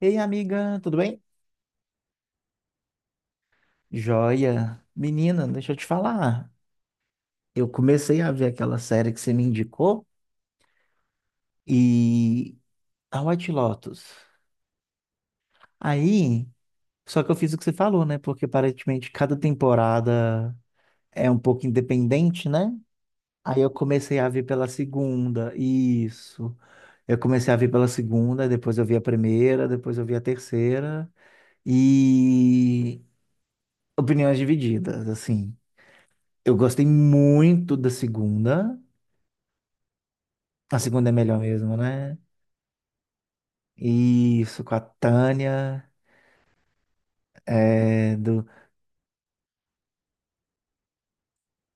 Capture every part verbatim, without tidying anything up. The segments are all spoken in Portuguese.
Ei, amiga, tudo bem? Joia. Menina, deixa eu te falar. Eu comecei a ver aquela série que você me indicou e a White Lotus. Aí, só que eu fiz o que você falou, né? Porque aparentemente cada temporada é um pouco independente, né? Aí eu comecei a ver pela segunda. Isso. Eu comecei a ver pela segunda, depois eu vi a primeira, depois eu vi a terceira e opiniões divididas, assim. Eu gostei muito da segunda. A segunda é melhor mesmo, né? Isso, com a Tânia, é, do,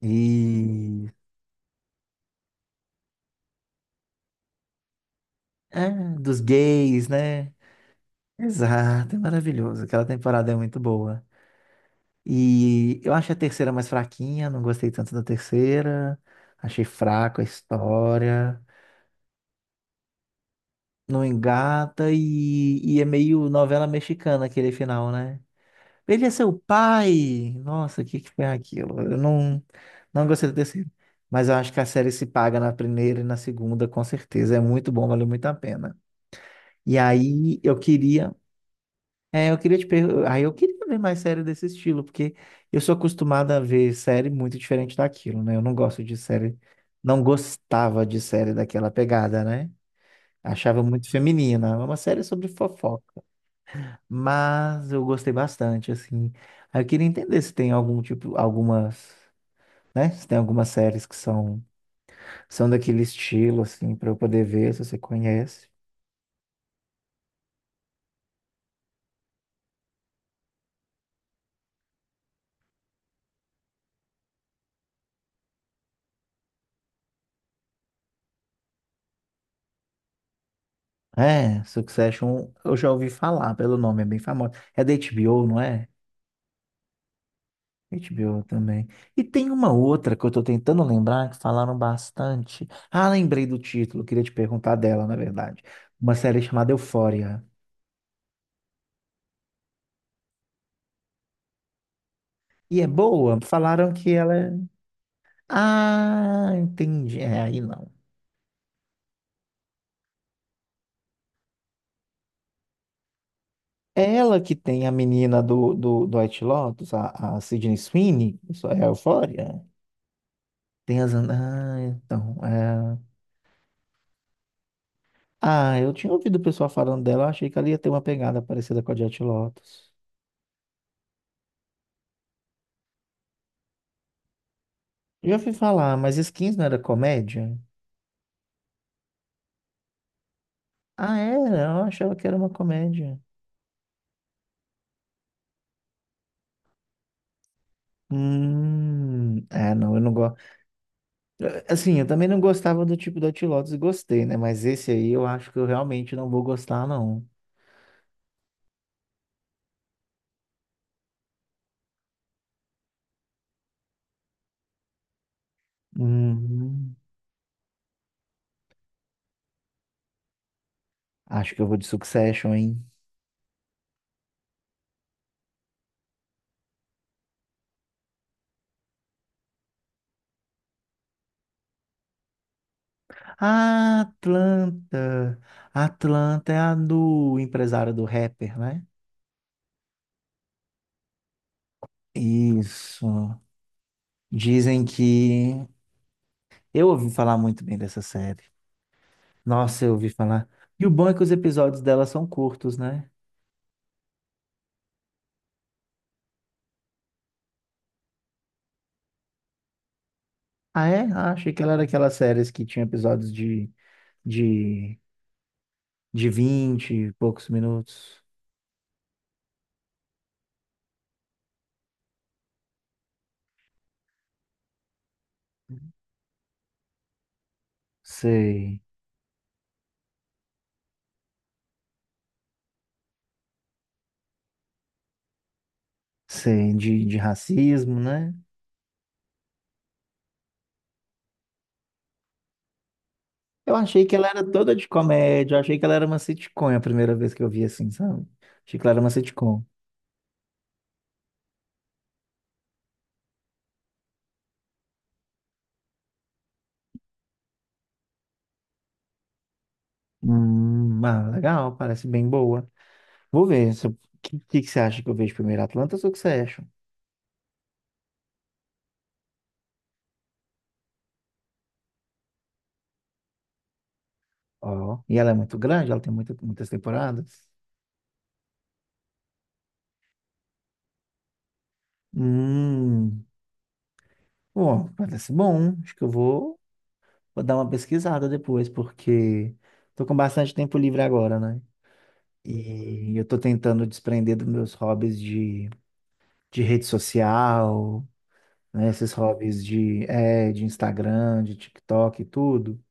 e, é, dos gays, né? Exato, é maravilhoso. Aquela temporada é muito boa. E eu acho a terceira mais fraquinha, não gostei tanto da terceira. Achei fraco a história, não engata e, e é meio novela mexicana aquele final, né? Ele é seu pai! Nossa, o que que foi aquilo? Eu não, não gostei do terceiro. Mas eu acho que a série se paga na primeira e na segunda, com certeza. É muito bom, valeu muito a pena. E aí eu queria. É, eu queria te perguntar. Aí eu queria ver mais série desse estilo, porque eu sou acostumada a ver série muito diferente daquilo, né? Eu não gosto de série. Não gostava de série daquela pegada, né? Achava muito feminina. É uma série sobre fofoca, mas eu gostei bastante, assim. Aí eu queria entender se tem algum tipo, algumas, né? Se tem algumas séries que são, são daquele estilo, assim, para eu poder ver, se você conhece. É, Succession, eu já ouvi falar pelo nome, é bem famoso. É da agá bê ó, não é? agá bê ó também. E tem uma outra que eu tô tentando lembrar, que falaram bastante. Ah, lembrei do título, queria te perguntar dela, na verdade. Uma série chamada Euphoria. E é boa, falaram que ela é. Ah, entendi. É, aí não. É ela que tem a menina do, do, do White Lotus, a, a Sydney Sweeney, isso é a Euphoria. Tem as. an- Ah, então. É. Ah, eu tinha ouvido o pessoal falando dela, eu achei que ela ia ter uma pegada parecida com a de White Lotus. Já fui falar, mas Skins não era comédia? Ah, era? Eu achava que era uma comédia. Hum, é, não, eu não gosto. Assim, eu também não gostava do tipo do White Lotus e gostei, né? Mas esse aí eu acho que eu realmente não vou gostar, não. Hum, acho que eu vou de Succession, hein? Ah, Atlanta. Atlanta é a do empresário do rapper, né? Isso. Dizem que eu ouvi falar muito bem dessa série. Nossa, eu ouvi falar. E o bom é que os episódios dela são curtos, né? Ah, é? Ah, achei que ela era aquelas séries que tinha episódios de, de, de vinte e poucos minutos. Sei, sei, de, de racismo, né? Eu achei que ela era toda de comédia, eu achei que ela era uma sitcom, é a primeira vez que eu vi assim, sabe? Achei que ela era uma sitcom. Hum, ah, legal, parece bem boa. Vou ver, se eu- que, que que você acha que eu vejo primeiro, Atlanta ou Succession? Ó, e ela é muito grande, ela tem muita- muitas temporadas. Hum, bom, parece bom. Acho que eu vou, vou dar uma pesquisada depois, porque tô com bastante tempo livre agora, né? E eu tô tentando desprender dos meus hobbies de, de rede social, né? Esses hobbies de, é, de Instagram, de TikTok e tudo.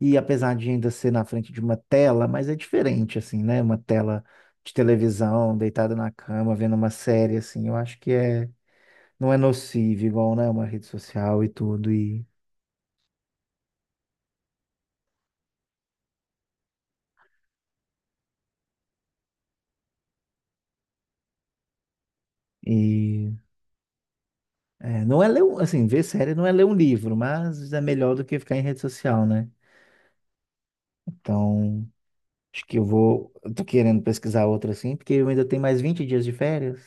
E apesar de ainda ser na frente de uma tela, mas é diferente, assim, né? Uma tela de televisão, deitada na cama, vendo uma série, assim, eu acho que é, não é nocivo, igual, né? Uma rede social e tudo. E, e é, não é ler, um- assim, ver série não é ler um livro, mas é melhor do que ficar em rede social, né? Então, acho que eu vou, eu tô querendo pesquisar outra, assim, porque eu ainda tenho mais vinte dias de férias.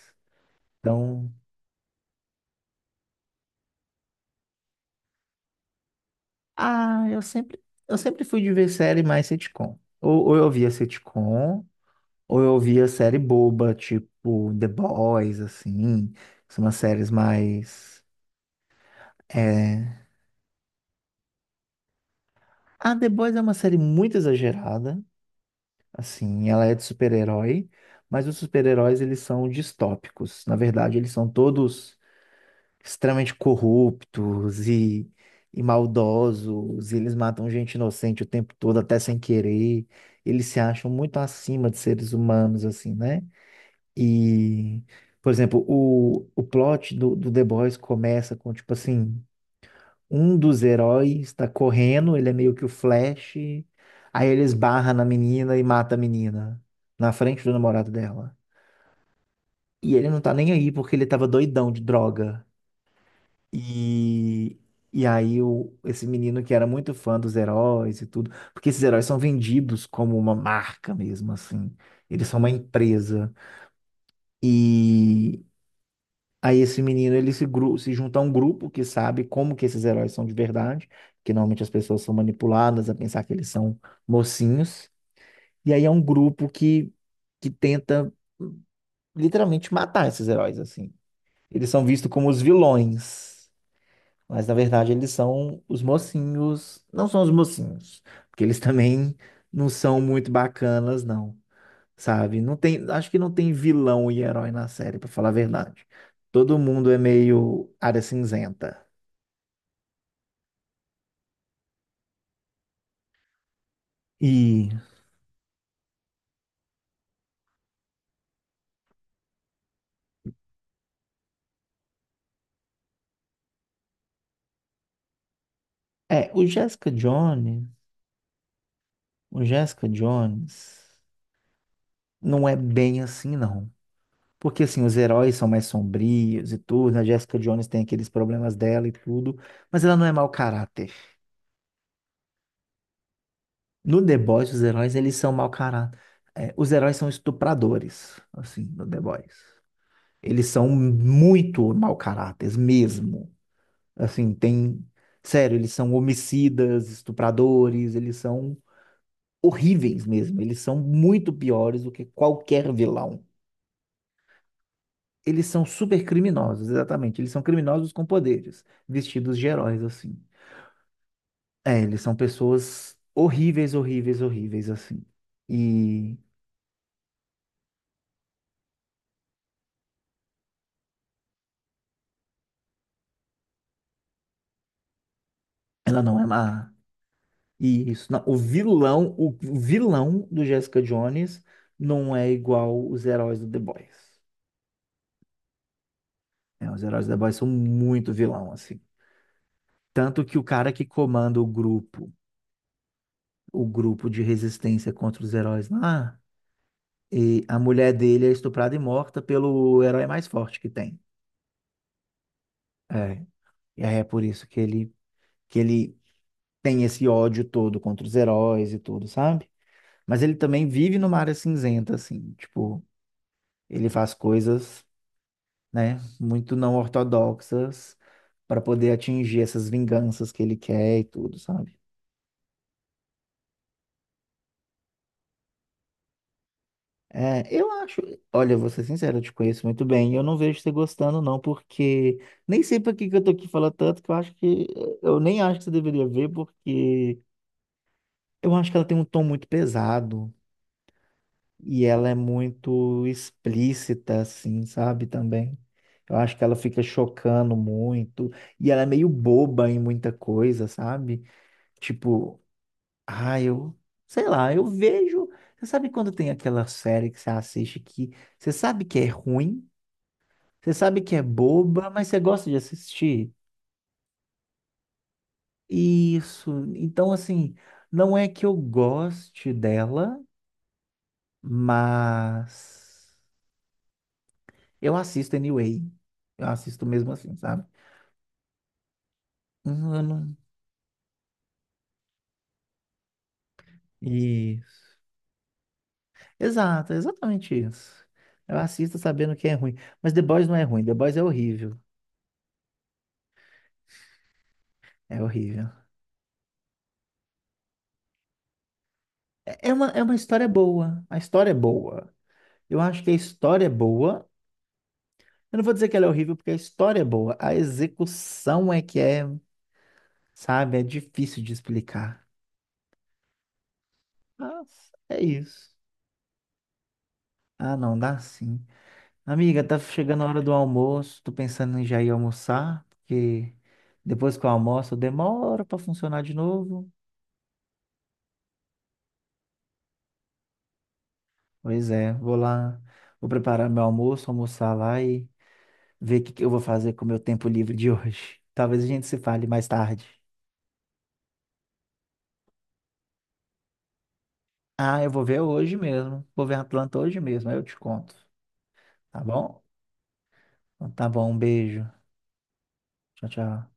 Então, Ah, eu sempre, eu sempre fui de ver série mais sitcom. Ou, ou eu via sitcom, ou eu via série boba, tipo The Boys, assim. São umas séries mais. É... Ah, The Boys é uma série muito exagerada, assim. Ela é de super-herói, mas os super-heróis eles são distópicos. Na verdade, eles são todos extremamente corruptos e, e maldosos, e eles matam gente inocente o tempo todo, até sem querer. Eles se acham muito acima de seres humanos, assim, né? E, por exemplo, o, o plot do, do The Boys começa com, tipo assim, um dos heróis tá correndo, ele é meio que o Flash, aí ele esbarra na menina e mata a menina, na frente do namorado dela. E ele não tá nem aí porque ele tava doidão de droga. E, e aí o, esse menino que era muito fã dos heróis e tudo, porque esses heróis são vendidos como uma marca mesmo, assim. Eles são uma empresa. E aí esse menino, ele se, gru- se junta a um grupo que sabe como que esses heróis são de verdade, que normalmente as pessoas são manipuladas a pensar que eles são mocinhos. E aí é um grupo que, que tenta hum, literalmente matar esses heróis, assim. Eles são vistos como os vilões. Mas na verdade eles são os mocinhos. Não são os mocinhos, porque eles também não são muito bacanas, não. Sabe? Não tem, acho que não tem vilão e herói na série, pra falar a verdade. Todo mundo é meio área cinzenta. E é, o Jessica Jones, o Jessica Jones não é bem assim, não. Porque assim, os heróis são mais sombrios e tudo, né? A Jessica Jones tem aqueles problemas dela e tudo, mas ela não é mau caráter. No The Boys, os heróis, eles são mau caráter. É, os heróis são estupradores, assim, no The Boys. Eles são muito mau caráteres mesmo. Assim, tem... Sério, eles são homicidas, estupradores, eles são horríveis mesmo. Eles são muito piores do que qualquer vilão. Eles são super criminosos, exatamente. Eles são criminosos com poderes, vestidos de heróis, assim. É, eles são pessoas horríveis, horríveis, horríveis, assim. E ela não é má. Isso, não, o vilão, o vilão do Jessica Jones não é igual os heróis do The Boys. Né? Os heróis do The Boys são muito vilão, assim. Tanto que o cara que comanda o grupo, o grupo de resistência contra os heróis lá, e a mulher dele é estuprada e morta pelo herói mais forte que tem. É, e aí é por isso que ele, que ele tem esse ódio todo contra os heróis e tudo, sabe? Mas ele também vive numa área cinzenta, assim, tipo, ele faz coisas. Né? Muito não ortodoxas para poder atingir essas vinganças que ele quer e tudo, sabe? É, eu acho, olha, vou ser sincero, eu te conheço muito bem, e eu não vejo você gostando não, porque nem sei para que que eu tô aqui falando tanto, que eu acho que eu nem acho que você deveria ver, porque eu acho que ela tem um tom muito pesado e ela é muito explícita assim, sabe, também. Eu acho que ela fica chocando muito e ela é meio boba em muita coisa, sabe? Tipo, Ah, eu, sei lá, eu vejo. Você sabe quando tem aquela série que você assiste que você sabe que é ruim, você sabe que é boba, mas você gosta de assistir? Isso. Então, assim, não é que eu goste dela, mas eu assisto anyway. Eu assisto mesmo assim, sabe? Hum, eu não- Isso. Exato, é exatamente isso. Eu assisto sabendo que é ruim. Mas The Boys não é ruim, The Boys é horrível. É horrível. É é uma, é uma história boa. A história é boa. Eu acho que a história é boa. Eu não vou dizer que ela é horrível, porque a história é boa. A execução é que é, sabe, é difícil de explicar. Mas é isso. Ah, não, dá sim. Amiga, tá chegando a hora do almoço. Tô pensando em já ir almoçar, porque depois que eu almoço, demora pra funcionar de novo. Pois é, vou lá, vou preparar meu almoço, almoçar lá e ver o que que eu vou fazer com o meu tempo livre de hoje. Talvez a gente se fale mais tarde. Ah, eu vou ver hoje mesmo. Vou ver Atlanta hoje mesmo, aí eu te conto. Tá bom? Então, tá bom, um beijo. Tchau, tchau.